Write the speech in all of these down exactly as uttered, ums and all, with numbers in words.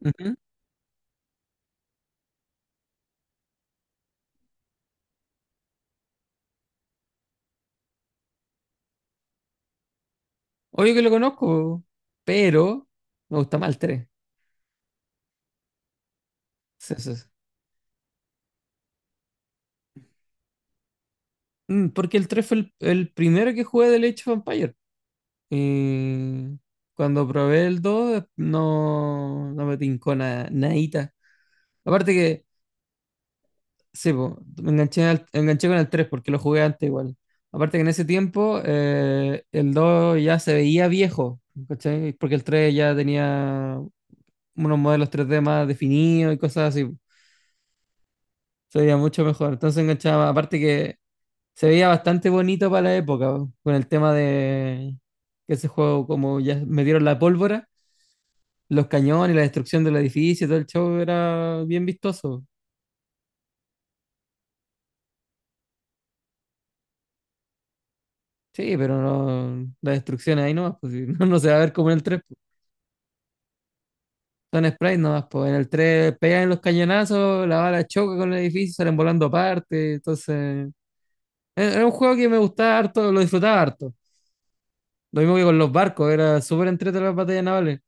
Ujú. Obvio que lo conozco, pero me gusta más el tres. Sí, sí, sí. Mm, Porque el tres fue el, el primero que jugué del Age of Empires. Y cuando probé el dos eh, no, no me tincó nada, nadita. Aparte que, sí, po, me enganché, al- me enganché con el tres porque lo jugué antes igual. Aparte que en ese tiempo eh, el dos ya se veía viejo, ¿cachai? Porque el tres ya tenía unos modelos tres D más definidos y cosas así. Se veía mucho mejor. Entonces enganchaba más. Aparte que se veía bastante bonito para la época, po, con el tema de que ese juego, como ya metieron la pólvora, los cañones, la destrucción del edificio, todo el show era bien vistoso. Sí, pero no, la destrucción ahí nomás, pues, sí, no, no se va a ver como en el tres po. Son sprites nomás, pues en el tres pegan los cañonazos, la bala choca con el edificio, salen volando aparte. Entonces, era era un juego que me gustaba harto, lo disfrutaba harto. Lo mismo que con los barcos, era súper entretenido las batallas navales.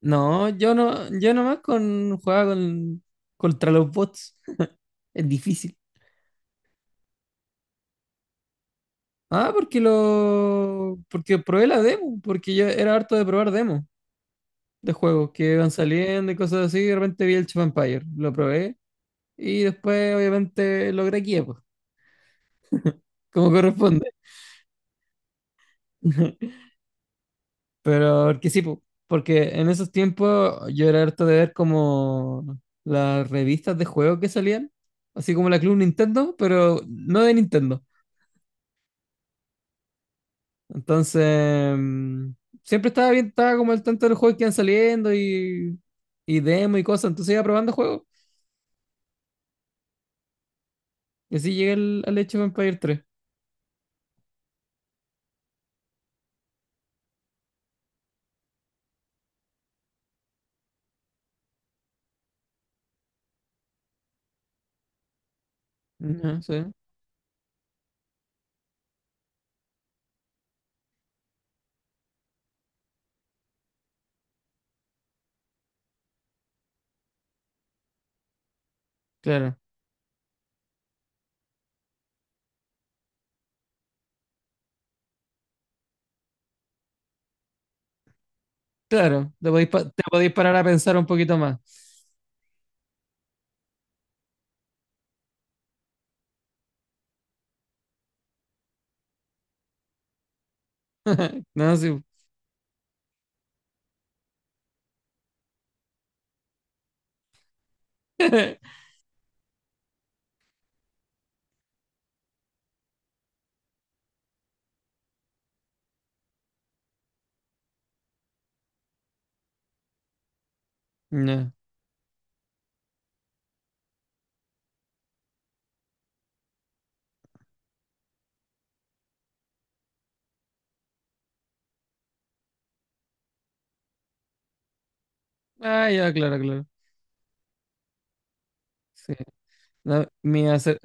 No, yo no, yo nomás con jugaba con contra los bots. Es difícil. Ah, porque lo porque probé la demo, porque yo era harto de probar demos de juegos que iban saliendo y cosas así, y de repente vi el Age of Empires, lo probé y después obviamente logré aquí, pues, como corresponde. Pero porque sí, po, porque en esos tiempos yo era harto de ver como las revistas de juegos que salían, así como la Club Nintendo, pero no de Nintendo. Entonces, mm, siempre estaba bien, estaba como al tanto de los juegos que iban saliendo y, y demo y cosas, entonces iba probando juegos. Y así llegué al, al Age of Empires tres. Ujú, sí, claro, claro, te podéis, pa- te podéis parar a pensar un poquito más. No, sí. No. Ah, ya, claro, claro. Sí. No, mi, acer-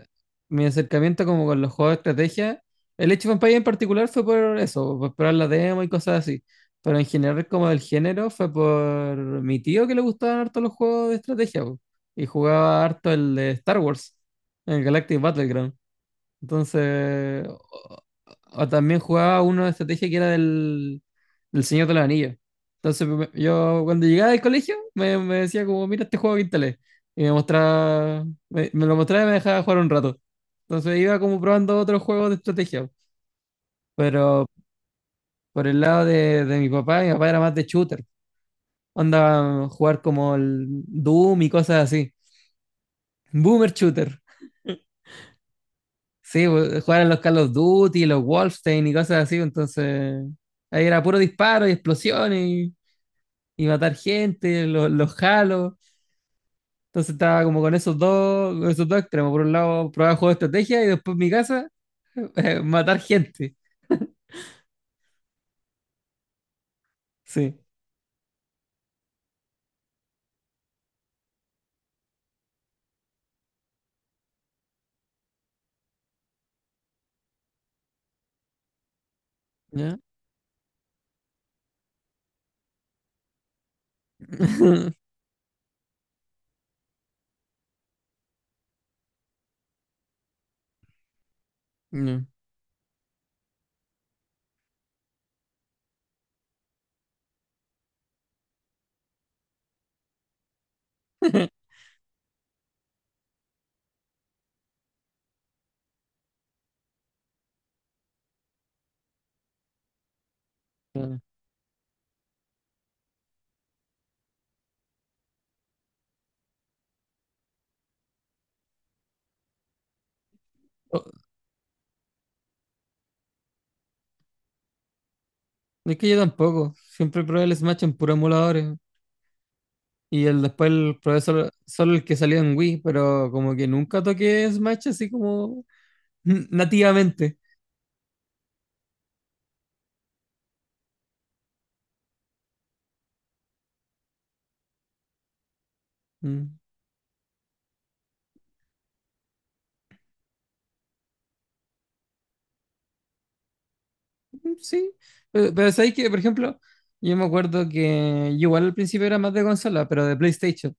mi acercamiento como con los juegos de estrategia, el Age of Empires en particular fue por eso, por esperar la demo y cosas así. Pero en general como del género fue por mi tío que le gustaban harto los juegos de estrategia po, y jugaba harto el de Star Wars, el Galactic Battleground. Entonces, o, o también jugaba uno de estrategia que era del, del Señor de los Anillos. Entonces, me- yo cuando llegaba del colegio, me, me decía como, mira este juego que instalé. Y me mostraba, me, me lo mostraba y me dejaba jugar un rato. Entonces iba como probando otros juegos de estrategia. Pero por el lado de, de mi papá, mi papá era más de shooter. Onda jugar como el Doom y cosas así. Boomer shooter. Sí, pues, jugar a los Call of Duty, los Wolfenstein y cosas así, entonces ahí era puro disparo y explosiones y, y matar gente, los, los Halo. Entonces estaba como con esos dos, con esos dos extremos. Por un lado, probar juegos de estrategia y después en mi casa, eh, matar gente. Sí. ¿Ya? No. Claro. Oh, es que yo tampoco. Siempre probé el Smash en puros emuladores. Y el, después el, probé solo, solo el que salió en Wii, pero como que nunca toqué Smash así como nativamente. Mm, mm, sí, pero, pero sabéis que, por ejemplo, yo me acuerdo que yo igual al principio era más de consola, pero de PlayStation.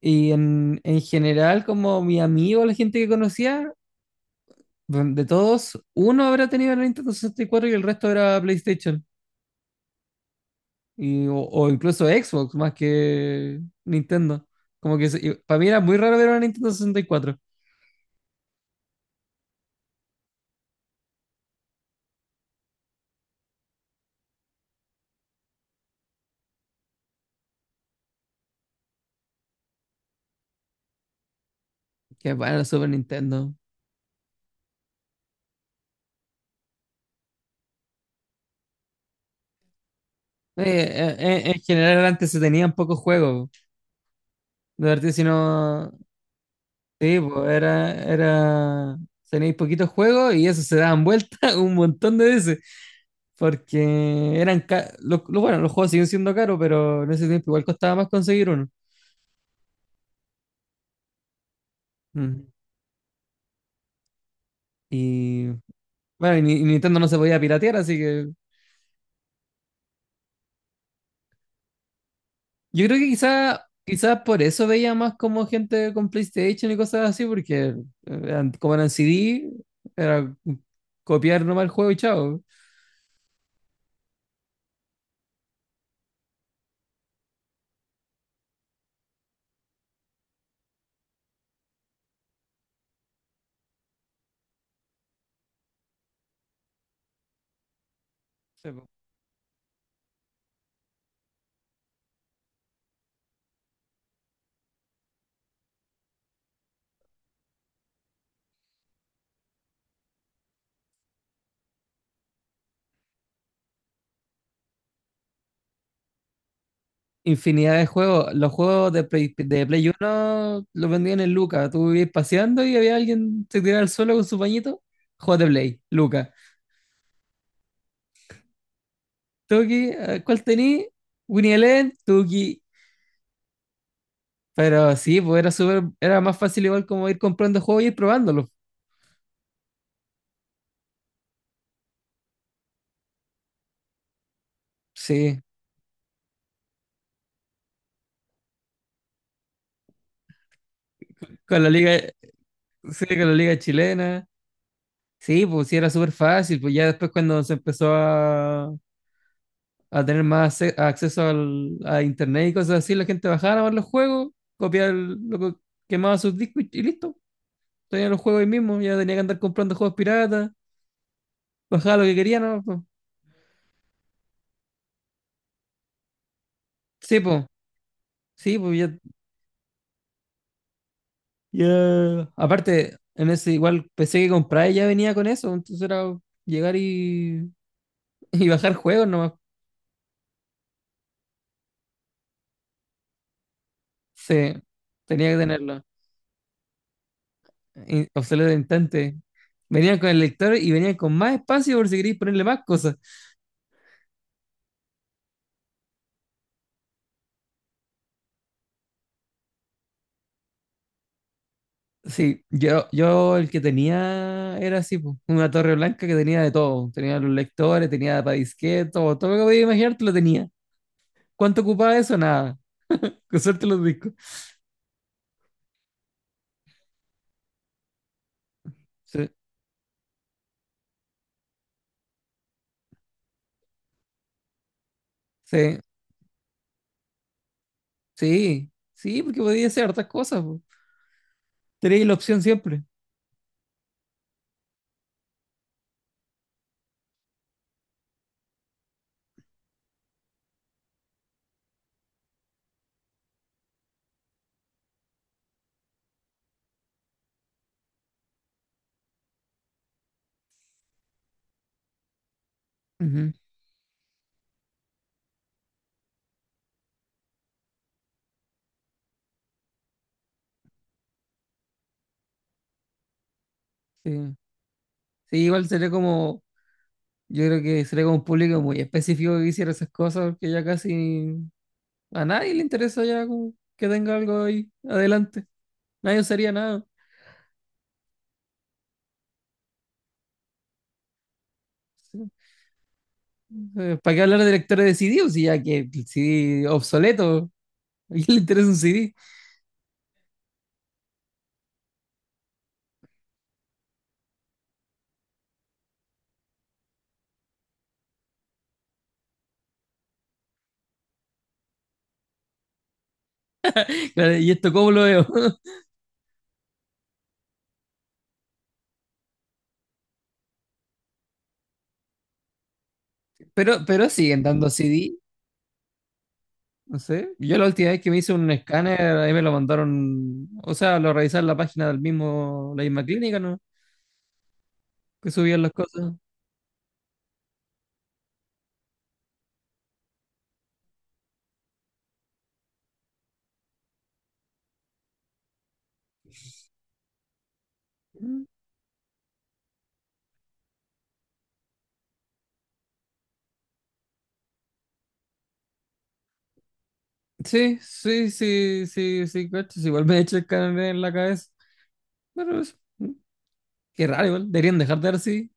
Y en, en general, como mi amigo, la gente que conocía, bueno, de todos, uno habrá tenido el Nintendo sesenta y cuatro y el resto era PlayStation. Y, o, o incluso Xbox más que Nintendo. Como que se- y para mí era muy raro ver una Nintendo sesenta y cuatro. Que bueno, la Super Nintendo. Eh, eh, eh, en general antes se tenían pocos juegos. De verdad, si no. Sí, pues era, era, tenéis poquitos juegos y eso se daban vuelta un montón de veces, porque eran, ca- lo, lo- bueno, los juegos siguen siendo caros, pero en ese tiempo igual costaba más conseguir uno. Mm. Y bueno, y, ni- y Nintendo no se podía piratear, así que yo creo que quizás quizás por eso veía más como gente con PlayStation y cosas así, porque eh, eran- como eran C D, era copiar nomás el juego y chao. Infinidad de juegos. Los juegos de Play, de Play uno los vendían en Luca. Tú ibas paseando y había alguien se tiraba al suelo con su pañito. Juegos de Play, Luca. Tuki, eh, ¿cuál tení? Winnie Eleven, Tuki. Pero sí, pues era súper, era más fácil igual como ir comprando juegos y ir probándolos. Sí, con la liga, sí, con la liga chilena. Sí, pues sí, era súper fácil. Pues ya después cuando se empezó a, a tener más acce- acceso al, a internet y cosas así, la gente bajaba a ver los juegos, copiaba el- lo que quemaba sus discos y, y listo. Tenía los juegos ahí mismo, ya no tenía que andar comprando juegos piratas, bajaba lo que quería, ¿no? Po. Sí, pues, sí, pues ya, ya. Aparte, en ese igual pensé que compraba ya venía con eso, entonces era llegar y, y bajar juegos nomás. Sí, tenía que tenerlo. Y- Obsoleto de instante. Venían con el lector y venían con más espacio por si queréis ponerle más cosas. Sí, yo, yo el que tenía era así, po, una torre blanca que tenía de todo. Tenía los lectores, tenía para disquetes, todo, todo lo que podía imaginar te lo tenía. ¿Cuánto ocupaba eso? Nada. Con suerte los discos. Sí, sí, sí, sí, porque podía hacer hartas cosas, po. Tenía la opción siempre. Ujú, sí. Sí, igual sería como, yo creo que sería como un público muy específico que hiciera esas cosas, porque ya casi a nadie le interesa ya como que tenga algo ahí adelante. Nadie usaría nada. Sí. Eh, ¿Para qué hablar de lectores de C D? O sea, ya que el C D obsoleto, ¿a quién le interesa un C D? Claro, ¿y esto cómo lo veo? Pero, pero siguen dando C D, no sé. Yo la última vez que me hice un escáner, ahí me lo mandaron, o sea, lo revisé en la página del mismo, la misma clínica, ¿no? Que subían las cosas. Mm, sí, sí, sí, sí, sí, cachas, igual me he hecho escáner en la cabeza. Pero eso, mm, qué raro, igual. Deberían dejar de dar C D.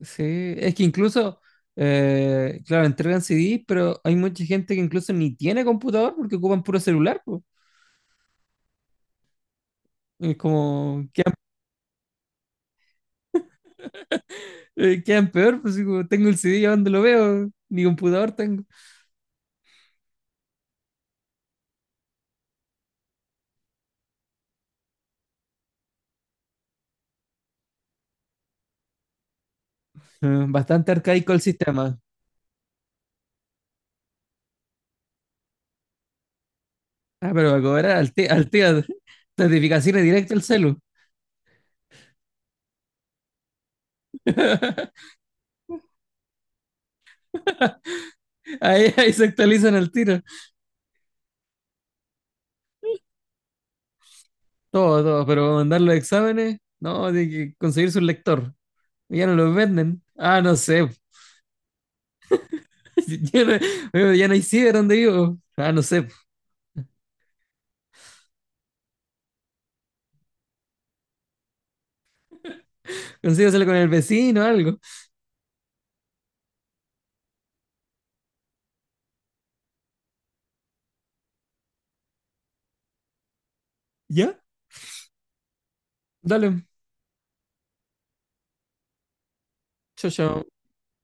Sí, es que incluso, eh, claro, entregan C D, pero hay mucha gente que incluso ni tiene computador porque ocupan puro celular, pues. Es como, quedan, eh, quedan peor, pues así como, tengo el C D, ¿a dónde lo veo? Ni computador tengo. Eh, Bastante arcaico el sistema. Ah, pero va a cobrar al ti- al tiro. Notificaciones directas al celu. Ahí, ahí se actualizan al tiro. Todo, todo, pero para mandar los exámenes, no, tiene que conseguir su lector. Ya no los venden. Ah, no sé, ya, no, ya no hay ciber donde vivo. Ah, no sé. Consígaselo con el vecino o algo. Ya, dale. Chao, chao.